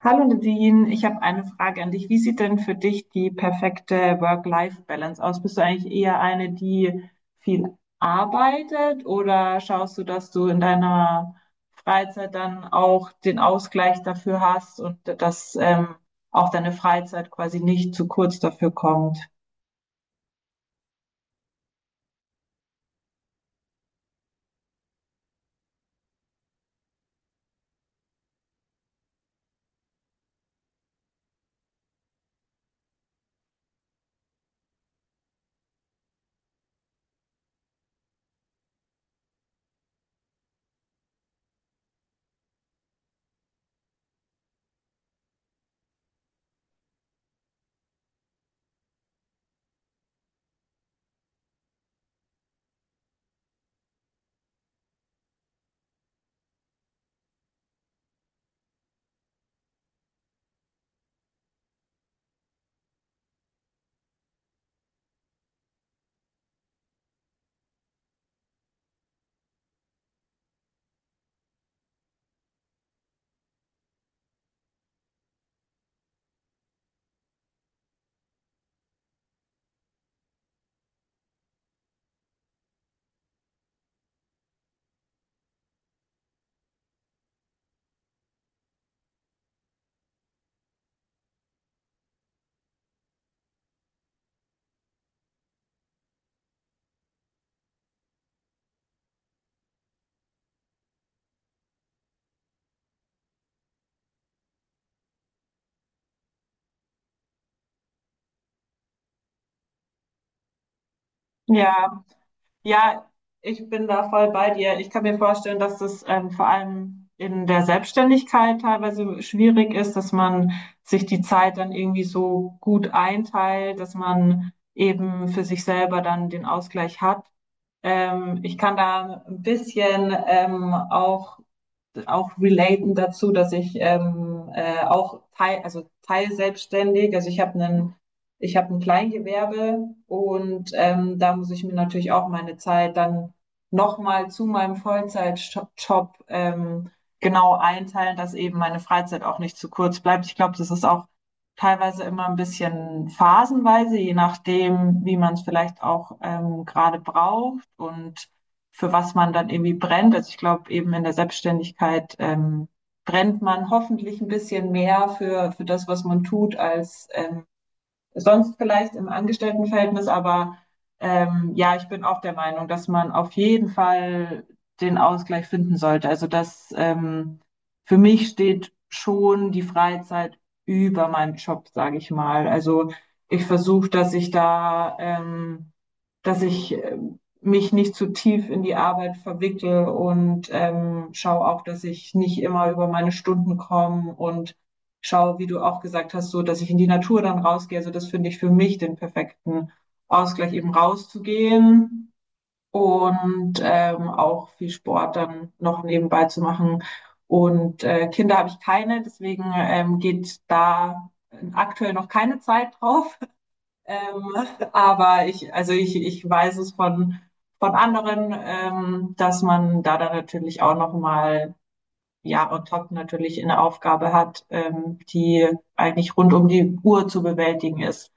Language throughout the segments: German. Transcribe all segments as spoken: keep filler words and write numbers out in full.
Hallo Nadine, ich habe eine Frage an dich. Wie sieht denn für dich die perfekte Work-Life-Balance aus? Bist du eigentlich eher eine, die viel arbeitet, oder schaust du, dass du in deiner Freizeit dann auch den Ausgleich dafür hast und dass ähm, auch deine Freizeit quasi nicht zu kurz dafür kommt? Ja. Ja, ich bin da voll bei dir. Ich kann mir vorstellen, dass das ähm, vor allem in der Selbstständigkeit teilweise schwierig ist, dass man sich die Zeit dann irgendwie so gut einteilt, dass man eben für sich selber dann den Ausgleich hat. Ähm, ich kann da ein bisschen ähm, auch auch relaten dazu, dass ich ähm, äh, auch teil, also teilselbstständig, also ich habe einen ich habe ein Kleingewerbe, und ähm, da muss ich mir natürlich auch meine Zeit dann nochmal zu meinem Vollzeitjob ähm, genau einteilen, dass eben meine Freizeit auch nicht zu kurz bleibt. Ich glaube, das ist auch teilweise immer ein bisschen phasenweise, je nachdem, wie man es vielleicht auch ähm, gerade braucht und für was man dann irgendwie brennt. Also ich glaube, eben in der Selbstständigkeit ähm, brennt man hoffentlich ein bisschen mehr für, für das, was man tut, als ähm, sonst vielleicht im Angestelltenverhältnis. Aber ähm, ja, ich bin auch der Meinung, dass man auf jeden Fall den Ausgleich finden sollte. Also das, ähm, für mich steht schon die Freizeit über meinem Job, sage ich mal. Also ich versuche, dass ich da ähm, dass ich äh, mich nicht zu tief in die Arbeit verwickle, und ähm, schaue auch, dass ich nicht immer über meine Stunden komme, und schaue, wie du auch gesagt hast, so, dass ich in die Natur dann rausgehe. Also das finde ich für mich den perfekten Ausgleich, eben rauszugehen und ähm, auch viel Sport dann noch nebenbei zu machen. Und äh, Kinder habe ich keine, deswegen ähm, geht da aktuell noch keine Zeit drauf. Ähm, aber ich, also ich, ich weiß es von, von anderen, ähm, dass man da dann natürlich auch nochmal, ja, on top natürlich eine Aufgabe hat, ähm, die eigentlich rund um die Uhr zu bewältigen ist.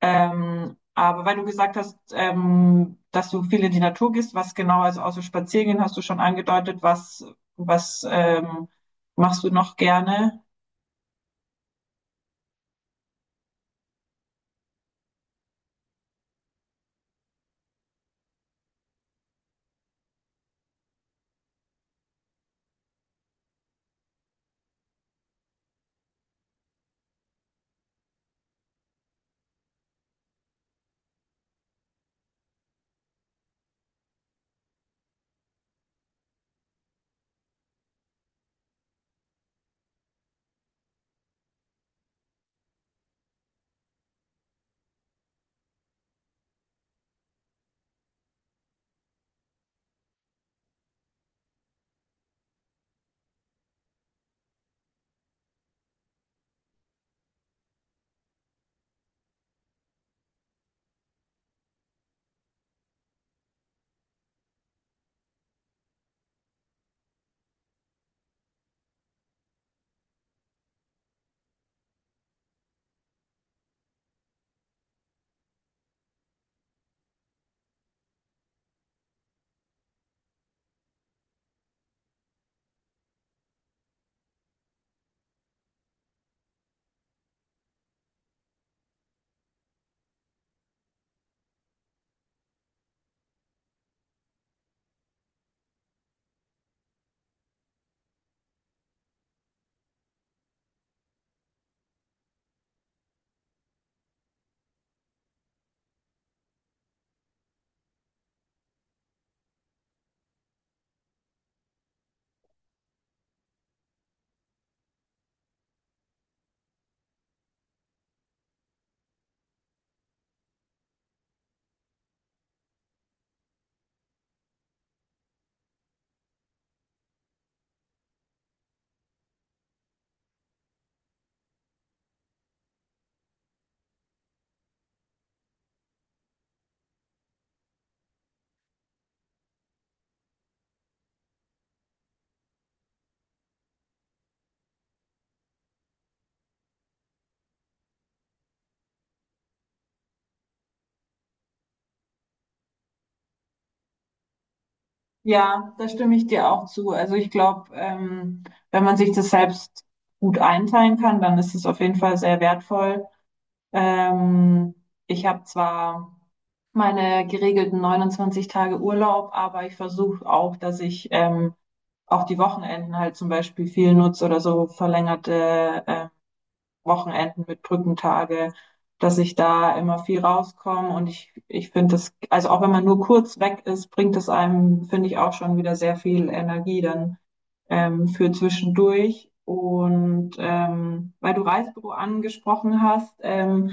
Ähm, aber weil du gesagt hast, ähm, dass du viel in die Natur gehst, was genau, also außer Spaziergehen hast du schon angedeutet, was, was ähm, machst du noch gerne? Ja, da stimme ich dir auch zu. Also ich glaube, ähm, wenn man sich das selbst gut einteilen kann, dann ist es auf jeden Fall sehr wertvoll. Ähm, Ich habe zwar meine geregelten neunundzwanzig Tage Urlaub, aber ich versuche auch, dass ich ähm, auch die Wochenenden halt zum Beispiel viel nutze, oder so verlängerte äh, Wochenenden mit Brückentage, dass ich da immer viel rauskomme. Und ich, ich finde das, also auch wenn man nur kurz weg ist, bringt es einem, finde ich, auch schon wieder sehr viel Energie dann ähm, für zwischendurch. Und ähm, weil du Reisebüro angesprochen hast, ähm,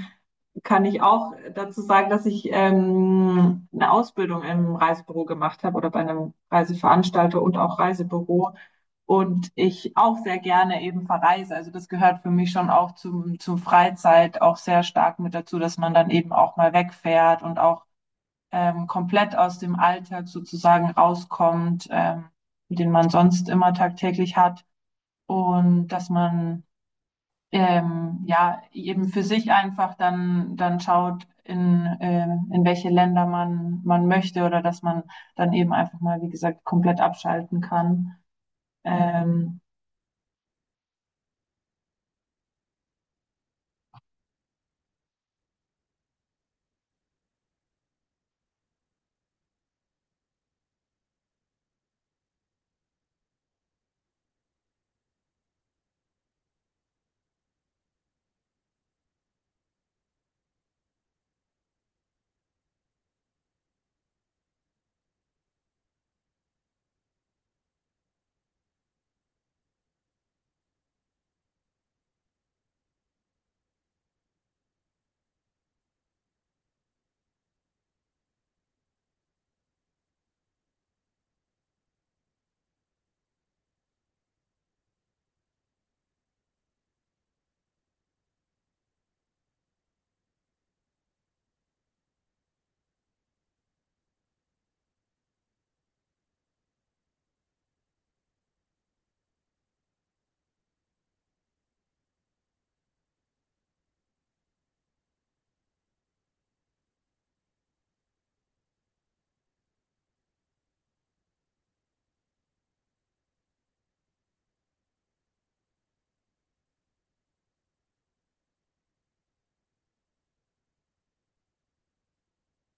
kann ich auch dazu sagen, dass ich ähm, eine Ausbildung im Reisebüro gemacht habe, oder bei einem Reiseveranstalter und auch Reisebüro. Und ich auch sehr gerne eben verreise. Also das gehört für mich schon auch zum, zum Freizeit auch sehr stark mit dazu, dass man dann eben auch mal wegfährt und auch ähm, komplett aus dem Alltag sozusagen rauskommt, ähm, den man sonst immer tagtäglich hat, und dass man ähm, ja eben für sich einfach dann dann schaut, in äh, in welche Länder man man möchte, oder dass man dann eben einfach mal, wie gesagt, komplett abschalten kann. Ähm,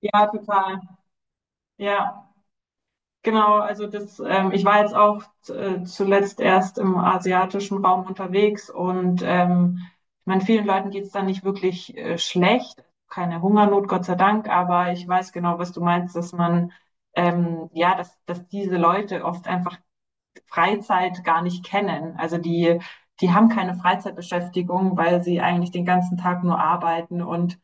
ja, total. Ja. Genau, also das, ähm, ich war jetzt auch äh, zuletzt erst im asiatischen Raum unterwegs, und ähm, ich meine, vielen Leuten geht's da nicht wirklich äh, schlecht, keine Hungernot, Gott sei Dank, aber ich weiß genau, was du meinst, dass man, ähm, ja, dass, dass diese Leute oft einfach Freizeit gar nicht kennen. Also die, die haben keine Freizeitbeschäftigung, weil sie eigentlich den ganzen Tag nur arbeiten. Und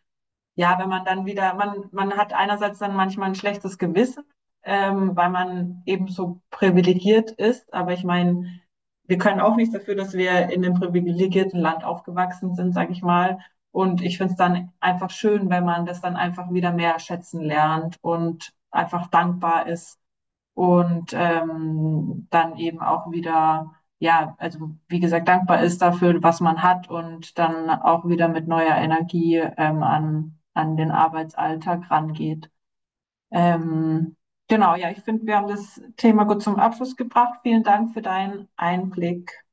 ja, wenn man dann wieder, man, man hat einerseits dann manchmal ein schlechtes Gewissen, ähm, weil man eben so privilegiert ist. Aber ich meine, wir können auch nichts dafür, dass wir in einem privilegierten Land aufgewachsen sind, sage ich mal. Und ich finde es dann einfach schön, wenn man das dann einfach wieder mehr schätzen lernt und einfach dankbar ist und ähm, dann eben auch wieder, ja, also wie gesagt, dankbar ist dafür, was man hat, und dann auch wieder mit neuer Energie ähm, an, an den Arbeitsalltag rangeht. Ähm, genau, ja, ich finde, wir haben das Thema gut zum Abschluss gebracht. Vielen Dank für deinen Einblick.